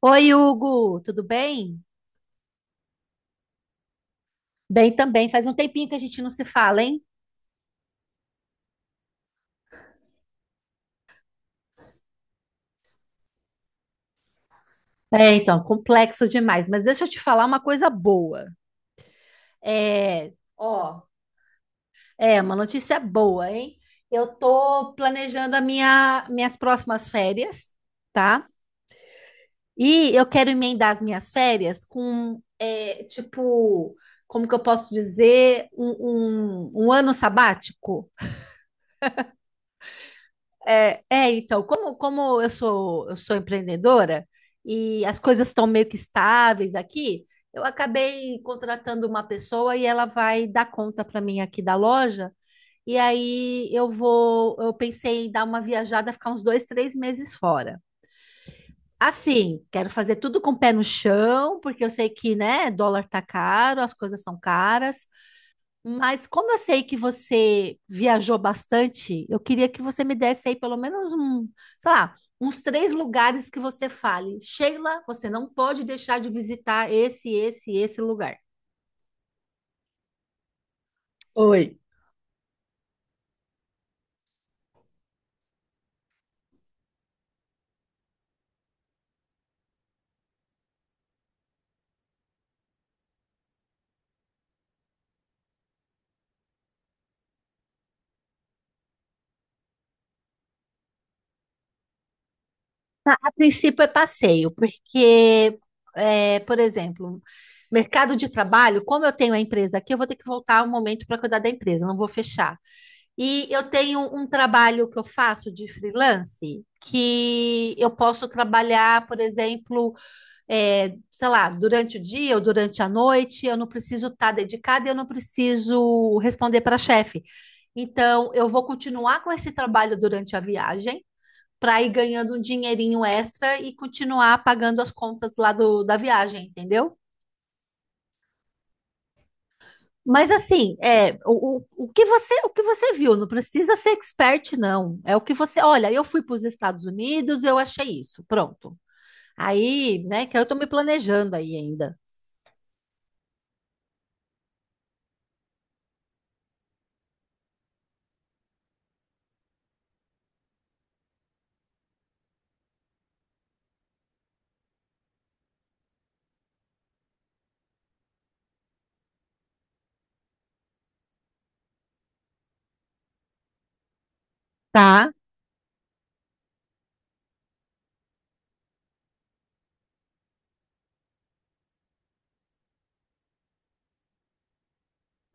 Oi, Hugo, tudo bem? Bem também. Faz um tempinho que a gente não se fala, hein? É, então, complexo demais. Mas deixa eu te falar uma coisa boa. É, ó, é uma notícia boa, hein? Eu tô planejando minhas próximas férias, tá? E eu quero emendar as minhas férias com, é, tipo, como que eu posso dizer, um ano sabático. É, é, então, como eu sou empreendedora e as coisas estão meio que estáveis aqui, eu acabei contratando uma pessoa e ela vai dar conta para mim aqui da loja. E aí eu pensei em dar uma viajada, ficar uns 2, 3 meses fora. Assim, quero fazer tudo com o pé no chão, porque eu sei que, né, dólar tá caro, as coisas são caras. Mas como eu sei que você viajou bastante, eu queria que você me desse aí pelo menos um, sei lá, uns três lugares que você fale. Sheila, você não pode deixar de visitar esse lugar. Oi. A princípio é passeio, porque, por exemplo, mercado de trabalho, como eu tenho a empresa aqui, eu vou ter que voltar um momento para cuidar da empresa, não vou fechar. E eu tenho um trabalho que eu faço de freelance, que eu posso trabalhar, por exemplo, sei lá, durante o dia ou durante a noite, eu não preciso estar dedicada, e eu não preciso responder para chefe. Então, eu vou continuar com esse trabalho durante a viagem, para ir ganhando um dinheirinho extra e continuar pagando as contas lá da viagem, entendeu? Mas assim, o que você viu, não precisa ser expert, não. Olha, eu fui para os Estados Unidos, eu achei isso, pronto. Aí, né, que eu tô me planejando aí ainda. Tá.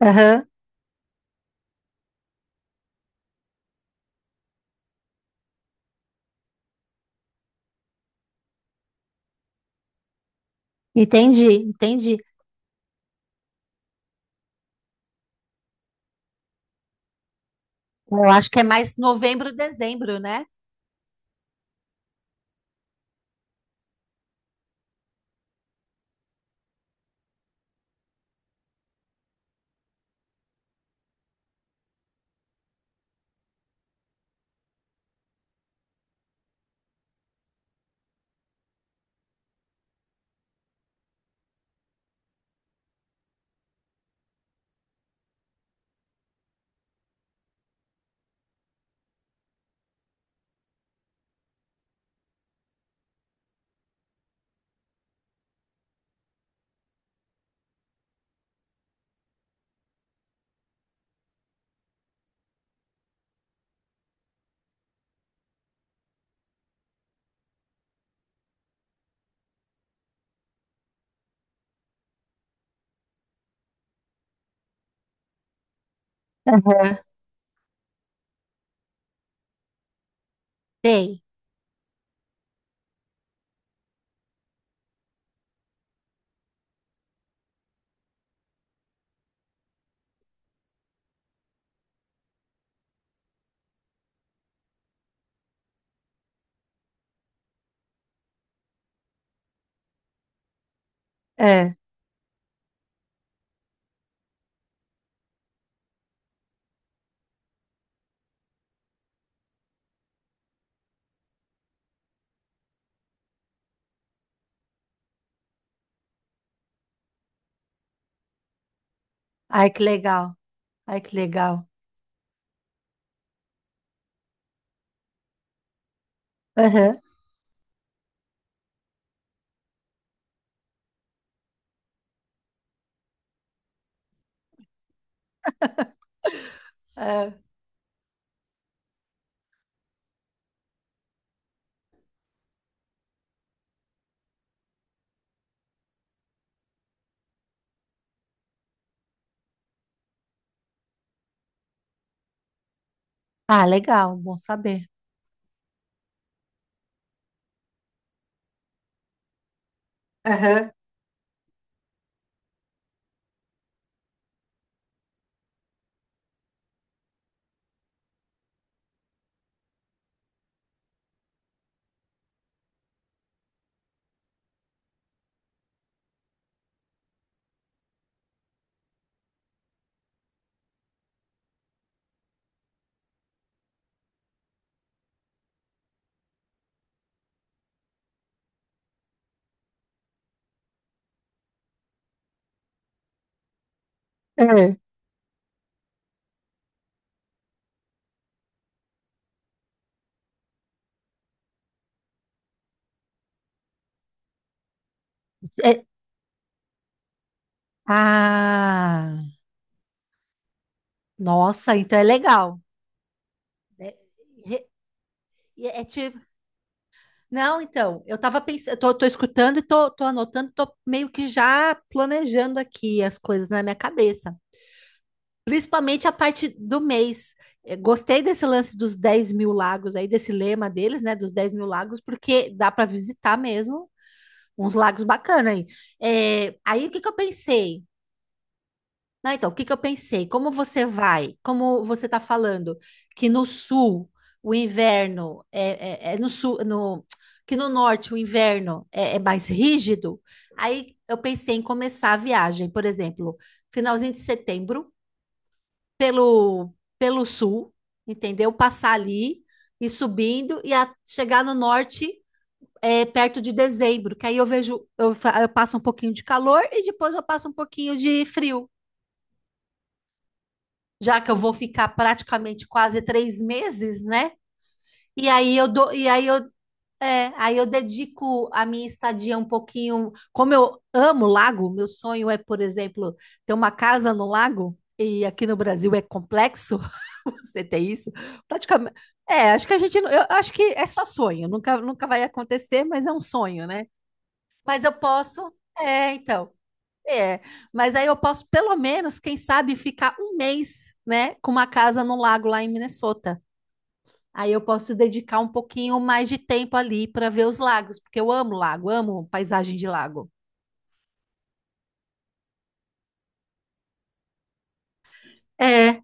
Aham. Entendi, entendi. Eu acho que é mais novembro, dezembro, né? Aham. Sei. É. Ai, que legal. Ai, que legal. Aham. É. Ah, legal, bom saber. Aham. É. É- Ah, nossa, então é legal. É, é, tipo, não, então, eu tava pensando, tô escutando e tô anotando, tô meio que já planejando aqui as coisas na minha cabeça. Principalmente a parte do mês. Gostei desse lance dos 10 mil lagos aí, desse lema deles, né? Dos 10 mil lagos, porque dá para visitar mesmo uns lagos bacana aí. Aí o que que eu pensei? Né, então, o que que eu pensei? Como você vai? Como você está falando que no sul o inverno é no sul, no, que no norte o inverno é mais rígido? Aí eu pensei em começar a viagem, por exemplo, finalzinho de setembro pelo pelo sul, entendeu? Passar ali e subindo e chegar no norte, perto de dezembro, que aí eu vejo eu, fa- eu passo um pouquinho de calor e depois eu passo um pouquinho de frio. Já que eu vou ficar praticamente quase 3 meses, né? E aí eu dou, e aí eu, é, aí eu dedico a minha estadia um pouquinho. Como eu amo lago, meu sonho é, por exemplo, ter uma casa no lago, e aqui no Brasil é complexo você ter isso. Praticamente. É, acho que a gente. Não- Eu acho que é só sonho, nunca, nunca vai acontecer, mas é um sonho, né? Mas eu posso. É, então. É, mas aí eu posso, pelo menos, quem sabe, ficar um mês, né, com uma casa no lago lá em Minnesota. Aí eu posso dedicar um pouquinho mais de tempo ali para ver os lagos, porque eu amo lago, amo paisagem de lago. É,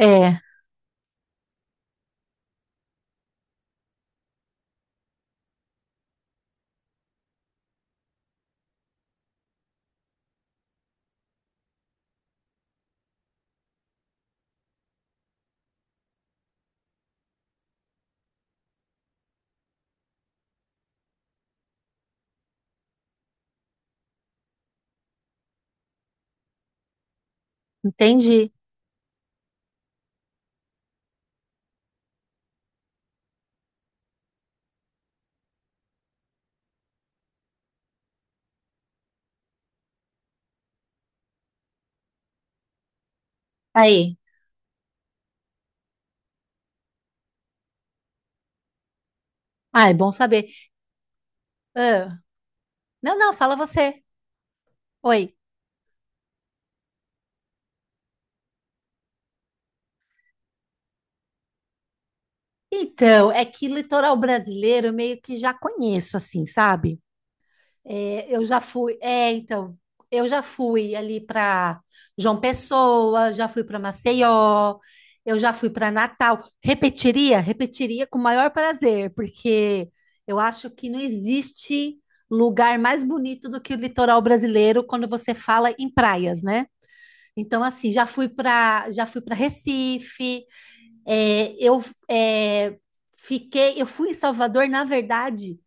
é, entendi. Aí, ah, é bom saber. Ah, não, não, fala você. Oi. Então, é que litoral brasileiro eu meio que já conheço, assim, sabe? É, eu já fui. É, então, eu já fui ali para João Pessoa, já fui para Maceió, eu já fui para Natal. Repetiria? Repetiria com o maior prazer, porque eu acho que não existe lugar mais bonito do que o litoral brasileiro quando você fala em praias, né? Então, assim, já fui para Recife, é, eu é, eu fui em Salvador, na verdade,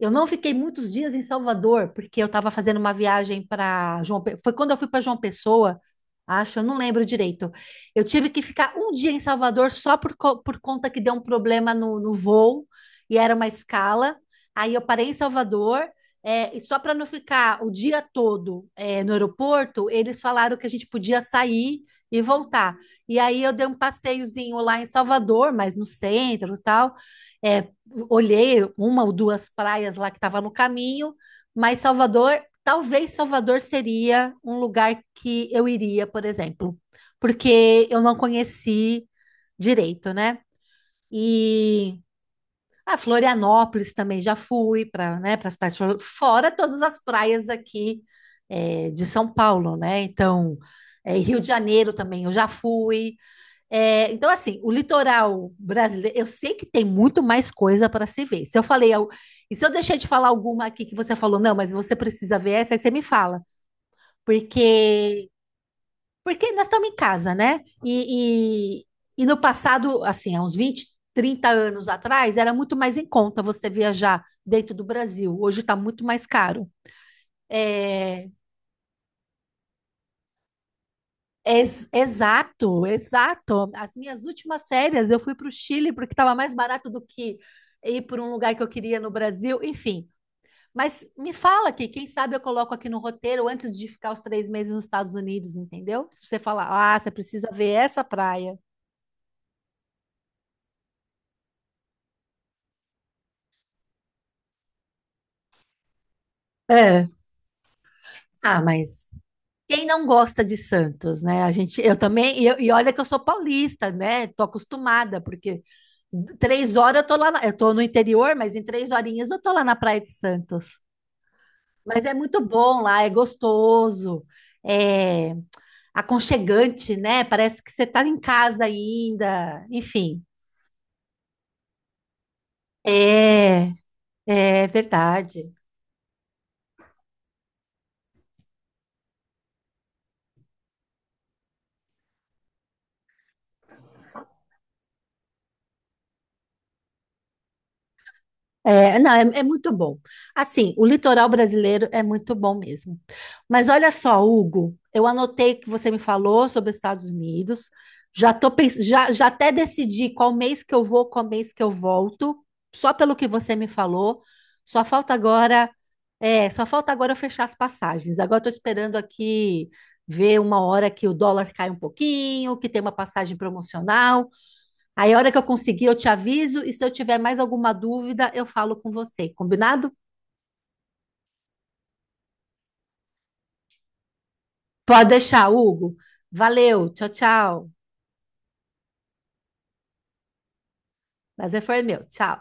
eu não fiquei muitos dias em Salvador, porque eu estava fazendo uma viagem foi quando eu fui para João Pessoa, acho, eu não lembro direito. Eu tive que ficar um dia em Salvador só por conta que deu um problema no voo e era uma escala. Aí eu parei em Salvador. E só para não ficar o dia todo, no aeroporto, eles falaram que a gente podia sair e voltar. E aí eu dei um passeiozinho lá em Salvador, mas no centro e tal. É, olhei uma ou duas praias lá que estava no caminho, mas Salvador, talvez Salvador seria um lugar que eu iria, por exemplo, porque eu não conheci direito, né? E a Florianópolis também já fui para, né, para as praias, fora todas as praias aqui, de São Paulo, né? Então, Rio de Janeiro também eu já fui. É, então, assim, o litoral brasileiro, eu sei que tem muito mais coisa para se ver. Se eu falei, al- E se eu deixei de falar alguma aqui que você falou, não, mas você precisa ver essa, aí você me fala. Porque, porque nós estamos em casa, né? E no passado, assim, há uns 20 30 anos atrás, era muito mais em conta você viajar dentro do Brasil. Hoje está muito mais caro. É, exato, exato. As minhas últimas férias eu fui para o Chile porque estava mais barato do que ir para um lugar que eu queria no Brasil, enfim. Mas me fala aqui, quem sabe eu coloco aqui no roteiro antes de ficar os 3 meses nos Estados Unidos, entendeu? Se você falar, ah, você precisa ver essa praia. É. Ah, mas quem não gosta de Santos, né? A gente, eu também, e olha que eu sou paulista, né? Tô acostumada, porque 3 horas eu tô lá, eu tô no interior, mas em 3 horinhas eu tô lá na Praia de Santos. Mas é muito bom lá, é gostoso, é aconchegante, né? Parece que você está em casa ainda. Enfim, é, é verdade. É, não, é muito bom. Assim, o litoral brasileiro é muito bom mesmo. Mas olha só, Hugo, eu anotei o que você me falou sobre os Estados Unidos. Já tô pens... já, já até decidi qual mês que eu vou, qual mês que eu volto, só pelo que você me falou. Só falta agora, Só falta agora eu fechar as passagens. Agora estou esperando aqui ver uma hora que o dólar cai um pouquinho, que tem uma passagem promocional. Aí, a hora que eu conseguir, eu te aviso. E se eu tiver mais alguma dúvida, eu falo com você. Combinado? Pode deixar, Hugo. Valeu. Tchau, tchau. Prazer foi meu. Tchau.